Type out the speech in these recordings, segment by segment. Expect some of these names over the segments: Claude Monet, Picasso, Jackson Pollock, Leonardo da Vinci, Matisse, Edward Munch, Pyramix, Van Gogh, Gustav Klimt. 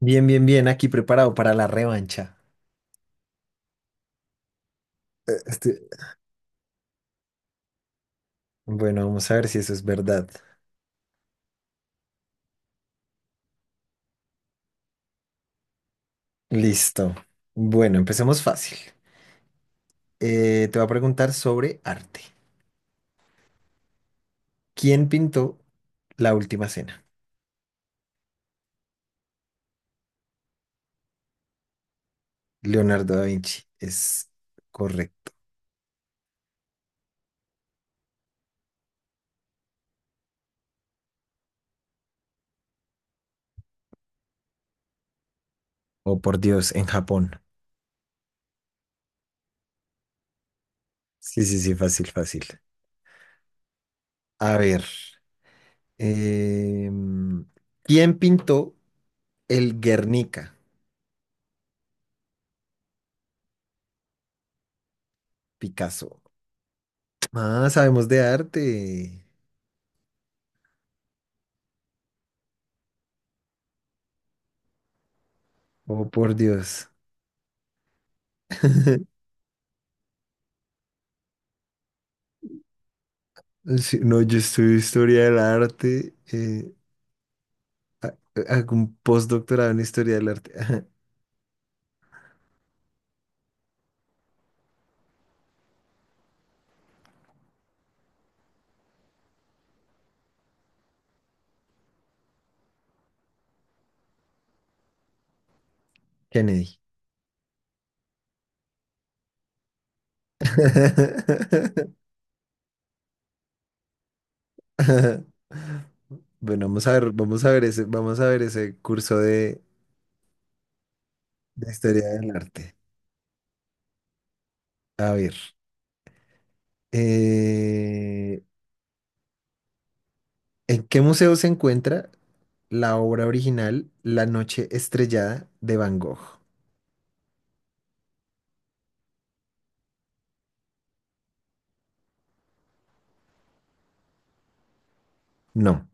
Bien, bien, bien, aquí preparado para la revancha. Eh, Este, Bueno, vamos a ver si eso es verdad. Listo. Bueno, empecemos fácil. Te voy a preguntar sobre arte. ¿Quién pintó La Última Cena? Leonardo da Vinci. Es correcto. Oh, por Dios, en Japón. Sí, sí, sí, fácil, fácil. A ver. em, ¿Quién pintó el Guernica? Picasso. Ah, sabemos de arte. Oh, por Dios. Sí, no, yo estudio historia del arte, hago un postdoctorado en historia del arte. Ajá, Kennedy. Ajá. Bueno, vamos a ver ese, vamos a ver ese curso de historia del arte. A ver, eh, ¿en qué museo se encuentra la obra original La Noche Estrellada de Van Gogh? No,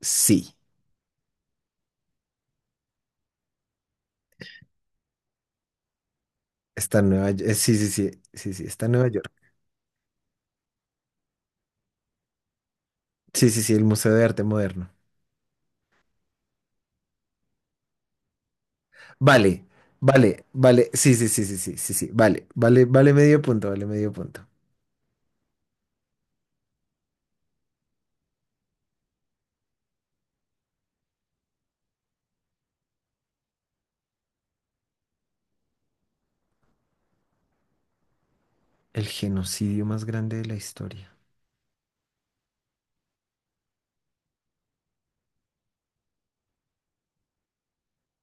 sí, está en Nueva York. Sí, sí, sí, sí, sí, está en Nueva York. Sí, sí, sí, el Museo de Arte Moderno. Vale, vale, vale. Sí, sí, sí, sí, sí, sí, sí. Vale, vale, vale medio punto, vale medio punto. El genocidio más grande de la historia.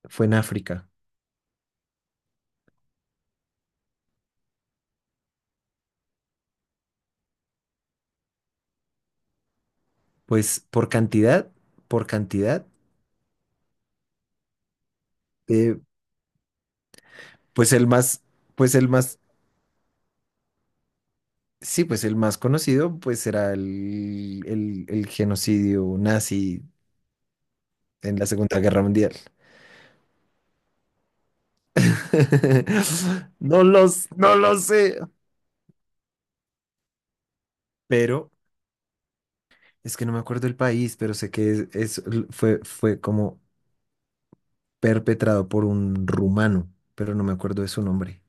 Fue en África. Pues por cantidad, eh, pues el más, pues el más, sí, pues el más conocido, pues era el genocidio nazi en la Segunda Guerra Mundial. No los, no lo sé. Pero es que no me acuerdo el país, pero sé que es, es- fue, fue como perpetrado por un rumano, pero no me acuerdo de su nombre.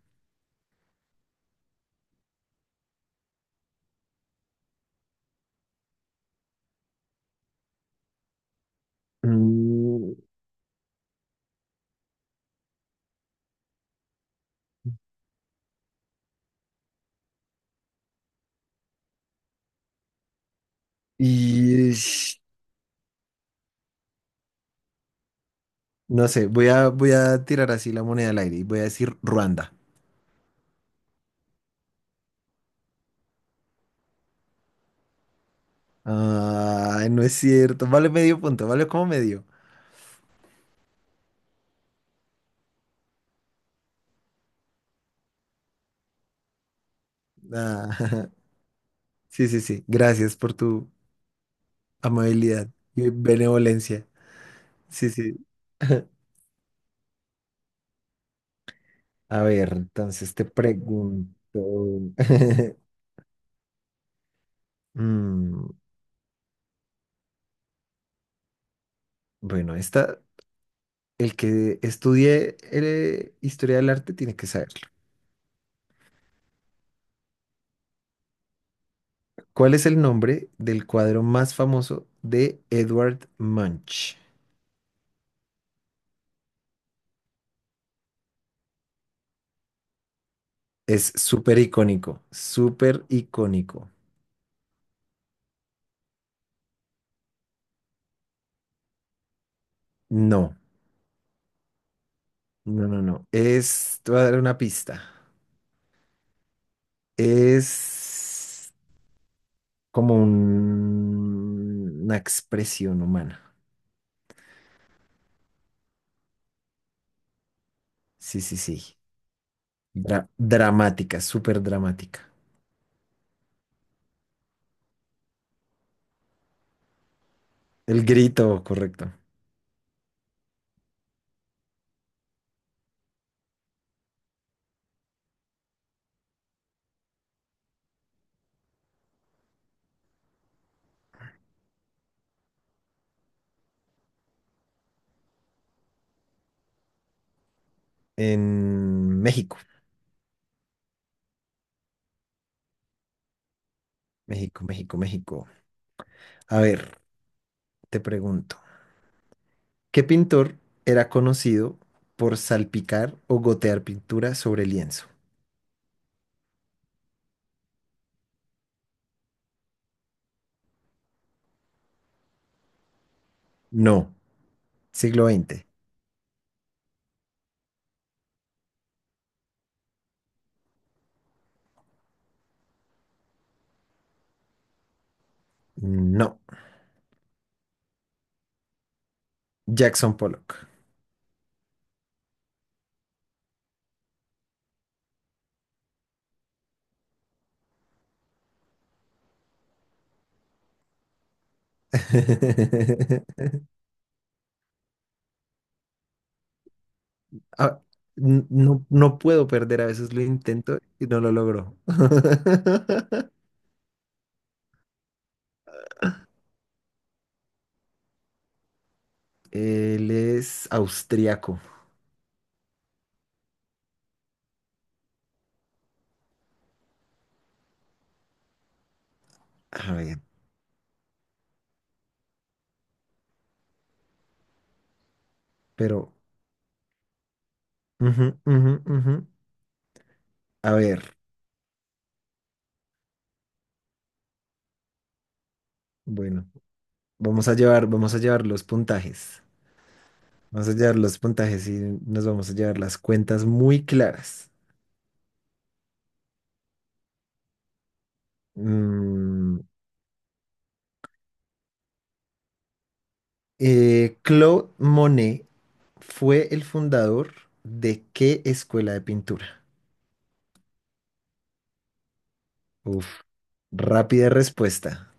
Mm, y es- no sé, voy a, voy a tirar así la moneda al aire y voy a decir Ruanda. Ah, no es cierto. Vale medio punto, vale como medio. Ah, sí, sí, sí. Gracias por tu amabilidad y benevolencia. Sí, sí. A ver, entonces te pregunto. Mm, bueno, esta el que estudie historia del arte tiene que saberlo. ¿Cuál es el nombre del cuadro más famoso de Edward Munch? Es súper icónico, súper icónico. No, no, no, no. Es, te voy a dar una pista. Es como una expresión humana. Sí, sí, sí. Dramática, súper dramática. El grito, correcto. En México, México, México, México. A ver, te pregunto, ¿qué pintor era conocido por salpicar o gotear pintura sobre lienzo? No. Siglo XX. No. Jackson Pollock. Ah, no, no puedo perder, a veces lo intento y no lo logro. Él es austriaco. A ver, pero... ujú, ujú, ujú. A ver, bueno, vamos a llevar los puntajes. Vamos a llevar los puntajes y nos vamos a llevar las cuentas muy claras. Mm, Claude Monet fue el fundador de qué escuela de pintura? Uf, rápida respuesta.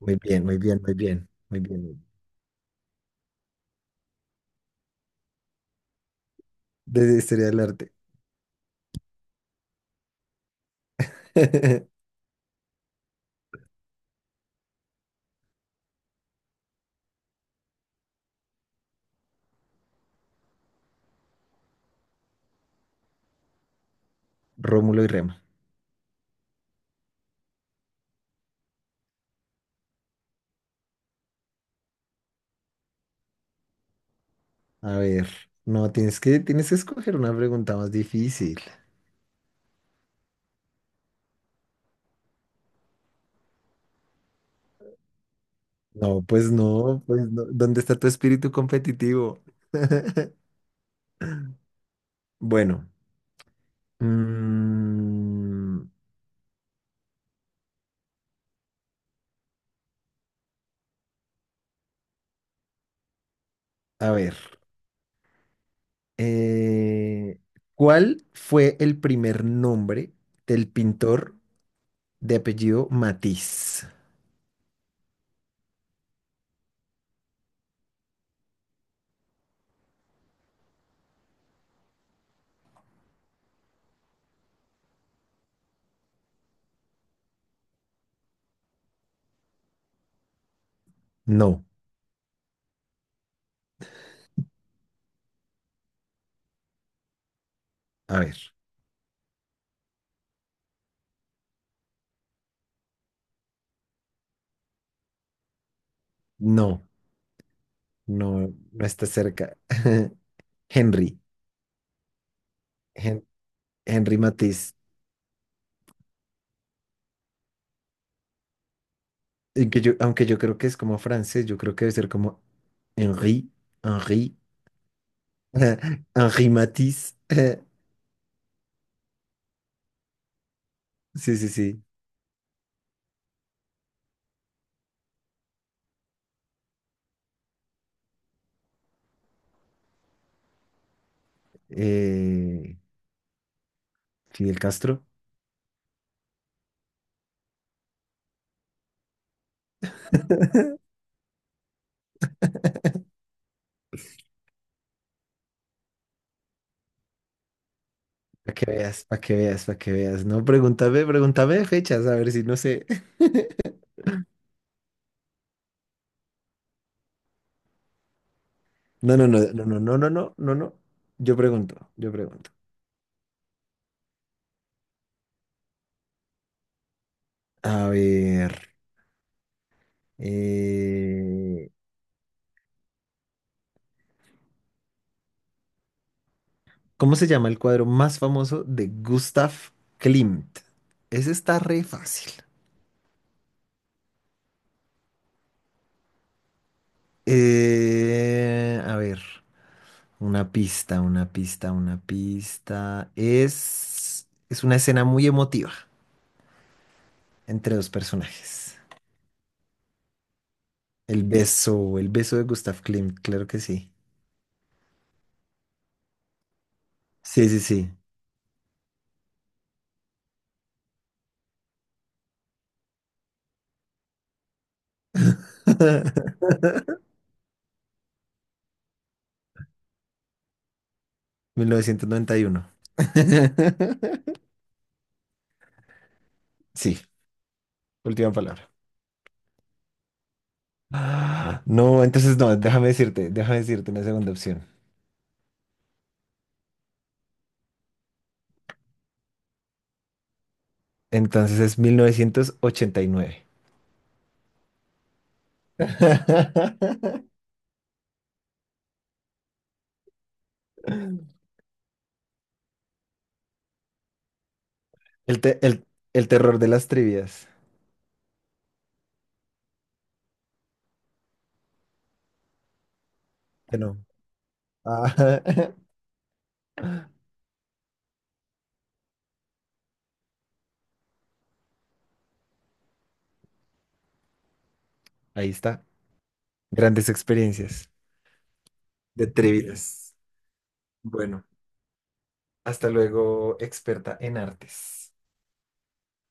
Muy bien, muy bien, muy bien, muy bien. Muy bien. Desde historia del arte. Rómulo y Remo. A ver, no, tienes que escoger una pregunta más difícil. No, pues no, pues no. ¿Dónde está tu espíritu competitivo? Bueno. Mm, a ver, eh, ¿cuál fue el primer nombre del pintor de apellido Matisse? No, a ver, no, no, no está cerca. Henry, Hen- Henry Matisse, y que yo- aunque yo creo que es como francés, yo creo que debe ser como Henri, Henri, Henri Matisse. Sí, sí, sí. Eh, Fidel Castro. Para que veas, para que veas, para que veas. No, pregúntame, pregúntame de fechas, a ver si no sé. No, no, no, no, no, no, no, no, no, no. Yo pregunto, yo pregunto. A ver, eh, ¿cómo se llama el cuadro más famoso de Gustav Klimt? Ese está re fácil. A ver, una pista, una pista, una pista. Es una escena muy emotiva entre dos personajes. El beso de Gustav Klimt, claro que sí. Sí, sí, sí. 1991. Sí, última palabra. Ah, no, entonces no, déjame decirte una segunda opción. Entonces es 1989. El, el terror de las trivias. Que no. Ah, ahí está. Grandes experiencias de trivias. Bueno, hasta luego, experta en artes.